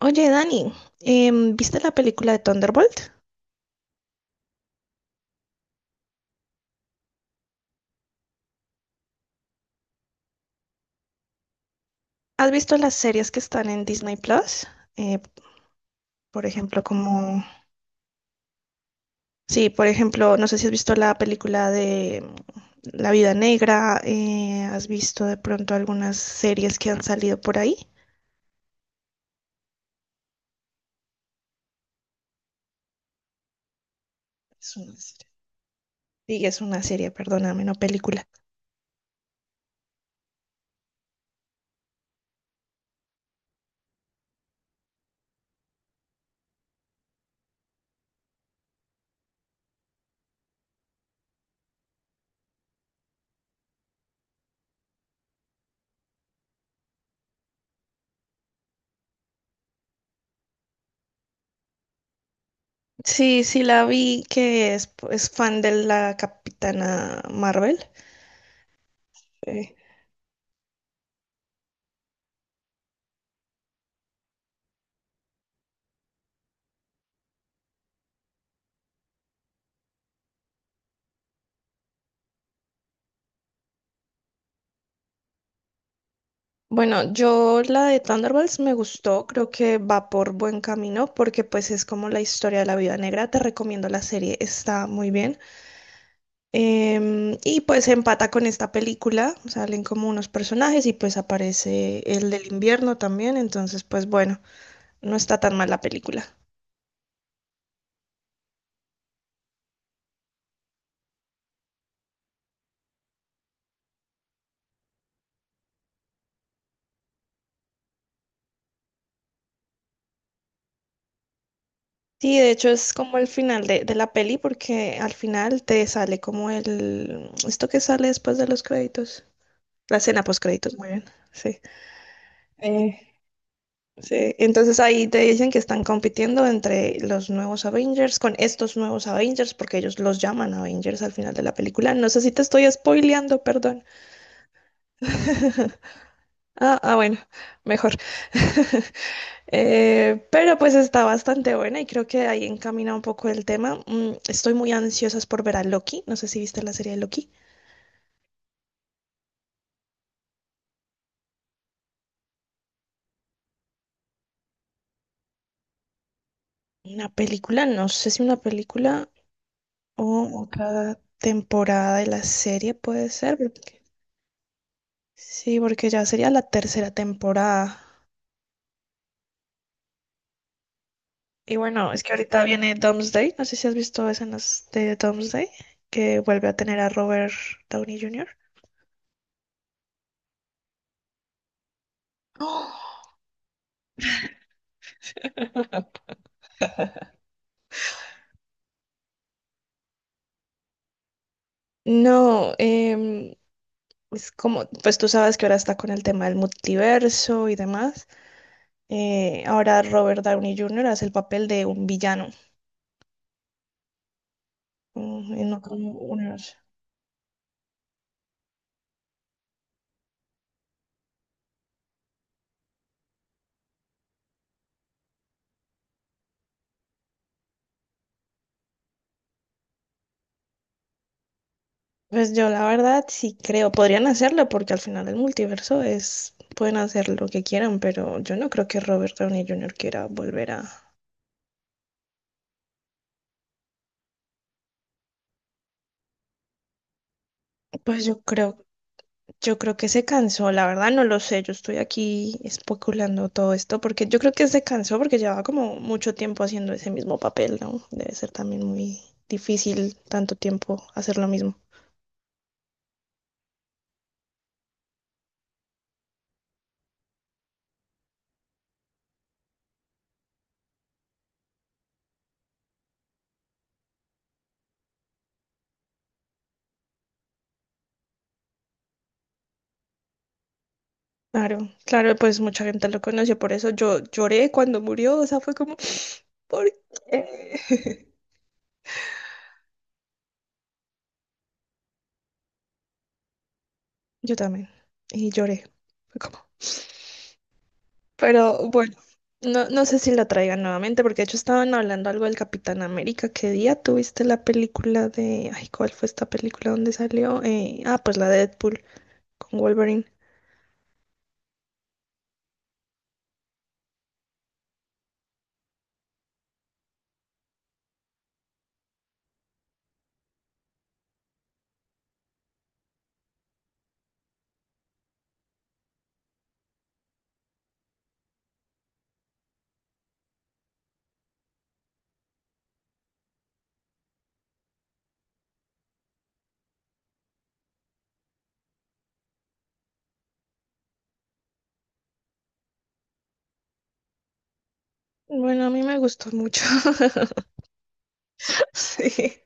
Oye, Dani, ¿viste la película de Thunderbolt? ¿Has visto las series que están en Disney Plus? Eh, por ejemplo, como... Sí, por ejemplo, no sé si has visto la película de La Vida Negra, has visto de pronto algunas series que han salido por ahí. Es una serie. Sí, es una serie, perdóname, no película. Sí, sí, la vi que es fan de la Capitana Marvel. Eh, Bueno, yo la de Thunderbolts me gustó, creo que va por buen camino porque pues es como la historia de la vida Negra, te recomiendo la serie, está muy bien. Y pues empata con esta película, salen como unos personajes y pues aparece el del invierno también, entonces pues bueno, no está tan mal la película. Sí, de hecho es como el final de la peli porque al final te sale como esto que sale después de los créditos, la escena post créditos, muy bien, sí. Sí, entonces ahí te dicen que están compitiendo entre los nuevos Avengers con estos nuevos Avengers, porque ellos los llaman Avengers al final de la película. No sé si te estoy spoileando, perdón. Ah, ah, bueno, mejor. Pero pues está bastante buena y creo que ahí encamina un poco el tema. Mm, estoy muy ansiosa por ver a Loki. No sé si viste la serie de Loki. Una película, no sé si una película o o cada temporada de la serie puede ser. Porque... sí, porque ya sería la tercera temporada. Y bueno, es que ahorita viene Doomsday. No sé si has visto escenas de Doomsday, que vuelve a tener a Robert Downey Jr. ¡Oh! No, es como, pues tú sabes que ahora está con el tema del multiverso y demás. Ahora Robert Downey Jr. hace el papel de un villano en otro universo. Pues yo la verdad sí creo, podrían hacerlo porque al final del multiverso es, pueden hacer lo que quieran, pero yo no creo que Robert Downey Jr. quiera volver a... Pues yo creo que se cansó, la verdad no lo sé, yo estoy aquí especulando todo esto porque yo creo que se cansó porque llevaba como mucho tiempo haciendo ese mismo papel, ¿no? Debe ser también muy difícil tanto tiempo hacer lo mismo. Claro, claro, pues mucha gente lo conoció, por eso yo lloré cuando murió, o sea, fue como, ¿por qué? Yo también. Y lloré. Fue como... pero bueno, no, no sé si la traigan nuevamente, porque de hecho estaban hablando algo del Capitán América. ¿Qué día tuviste la película de... Ay, ¿cuál fue esta película donde salió? Ah, pues la de Deadpool con Wolverine. Bueno, a mí me gustó mucho. Sí.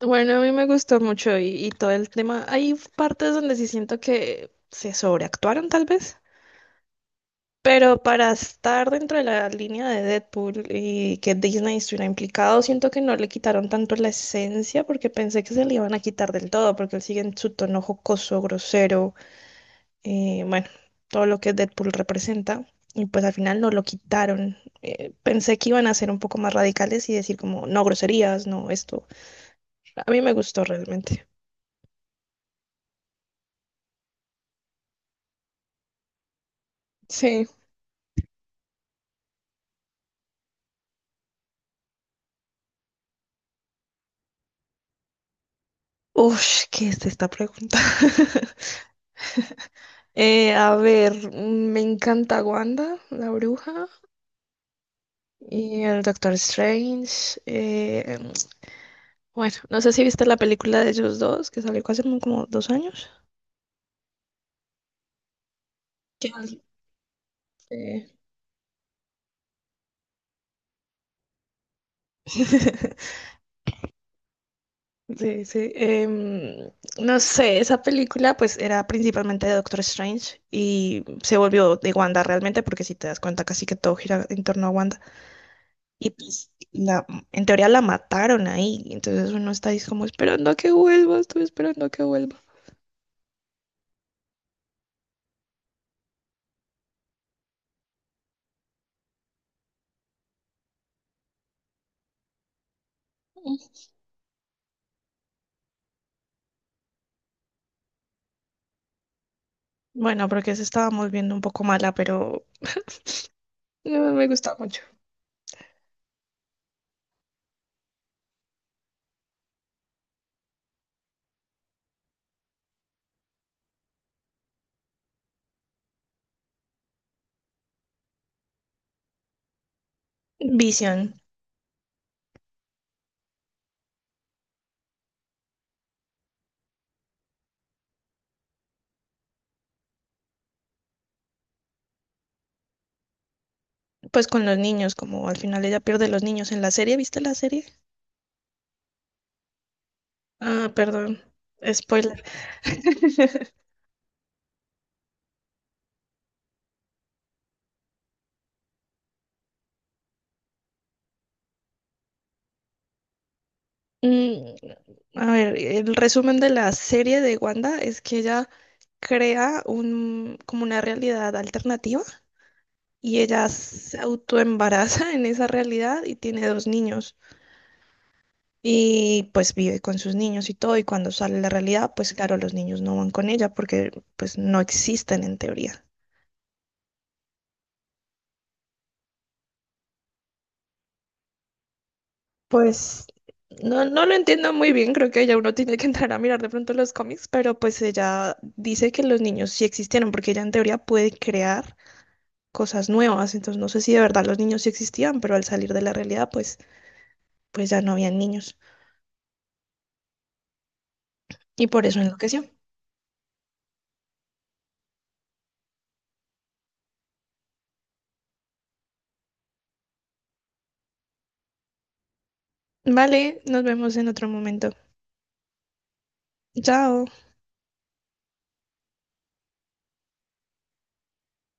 Bueno, a mí me gustó mucho y, todo el tema. Hay partes donde sí siento que se sobreactuaron, tal vez. Pero para estar dentro de la línea de Deadpool y que Disney estuviera implicado, siento que no le quitaron tanto la esencia porque pensé que se le iban a quitar del todo, porque él sigue en su tono jocoso, grosero, bueno, todo lo que Deadpool representa. Y pues al final no lo quitaron. Pensé que iban a ser un poco más radicales y decir como, no groserías, no esto. A mí me gustó realmente. Sí. Uf, ¿qué es esta pregunta? A ver, mm, me encanta Wanda, la bruja. Y el Doctor Strange. Bueno, no sé si viste la película de ellos dos que salió hace como 2 años. ¿Qué? Eh, sí, sí. No sé, esa película pues era principalmente de Doctor Strange y se volvió de Wanda realmente porque si te das cuenta casi que todo gira en torno a Wanda y pues en teoría la mataron ahí, entonces uno está ahí como esperando a que vuelva, estoy esperando a que vuelva. Bueno, porque se estábamos viendo un poco mala, pero eh, me gusta mucho. Vision, pues con los niños, como al final ella pierde los niños en la serie, ¿viste la serie? Ah, perdón. Spoiler. Mm, a ver, el resumen de la serie de Wanda es que ella crea un, como una realidad alternativa y ella se autoembaraza en esa realidad y tiene dos niños y pues vive con sus niños y todo y cuando sale la realidad, pues claro, los niños no van con ella porque pues no existen en teoría. Pues no, no lo entiendo muy bien, creo que ya uno tiene que entrar a mirar de pronto los cómics, pero pues ella dice que los niños sí existieron, porque ella en teoría puede crear cosas nuevas, entonces no sé si de verdad los niños sí existían, pero al salir de la realidad, pues ya no habían niños y por eso enloqueció. Vale, nos vemos en otro momento. Chao.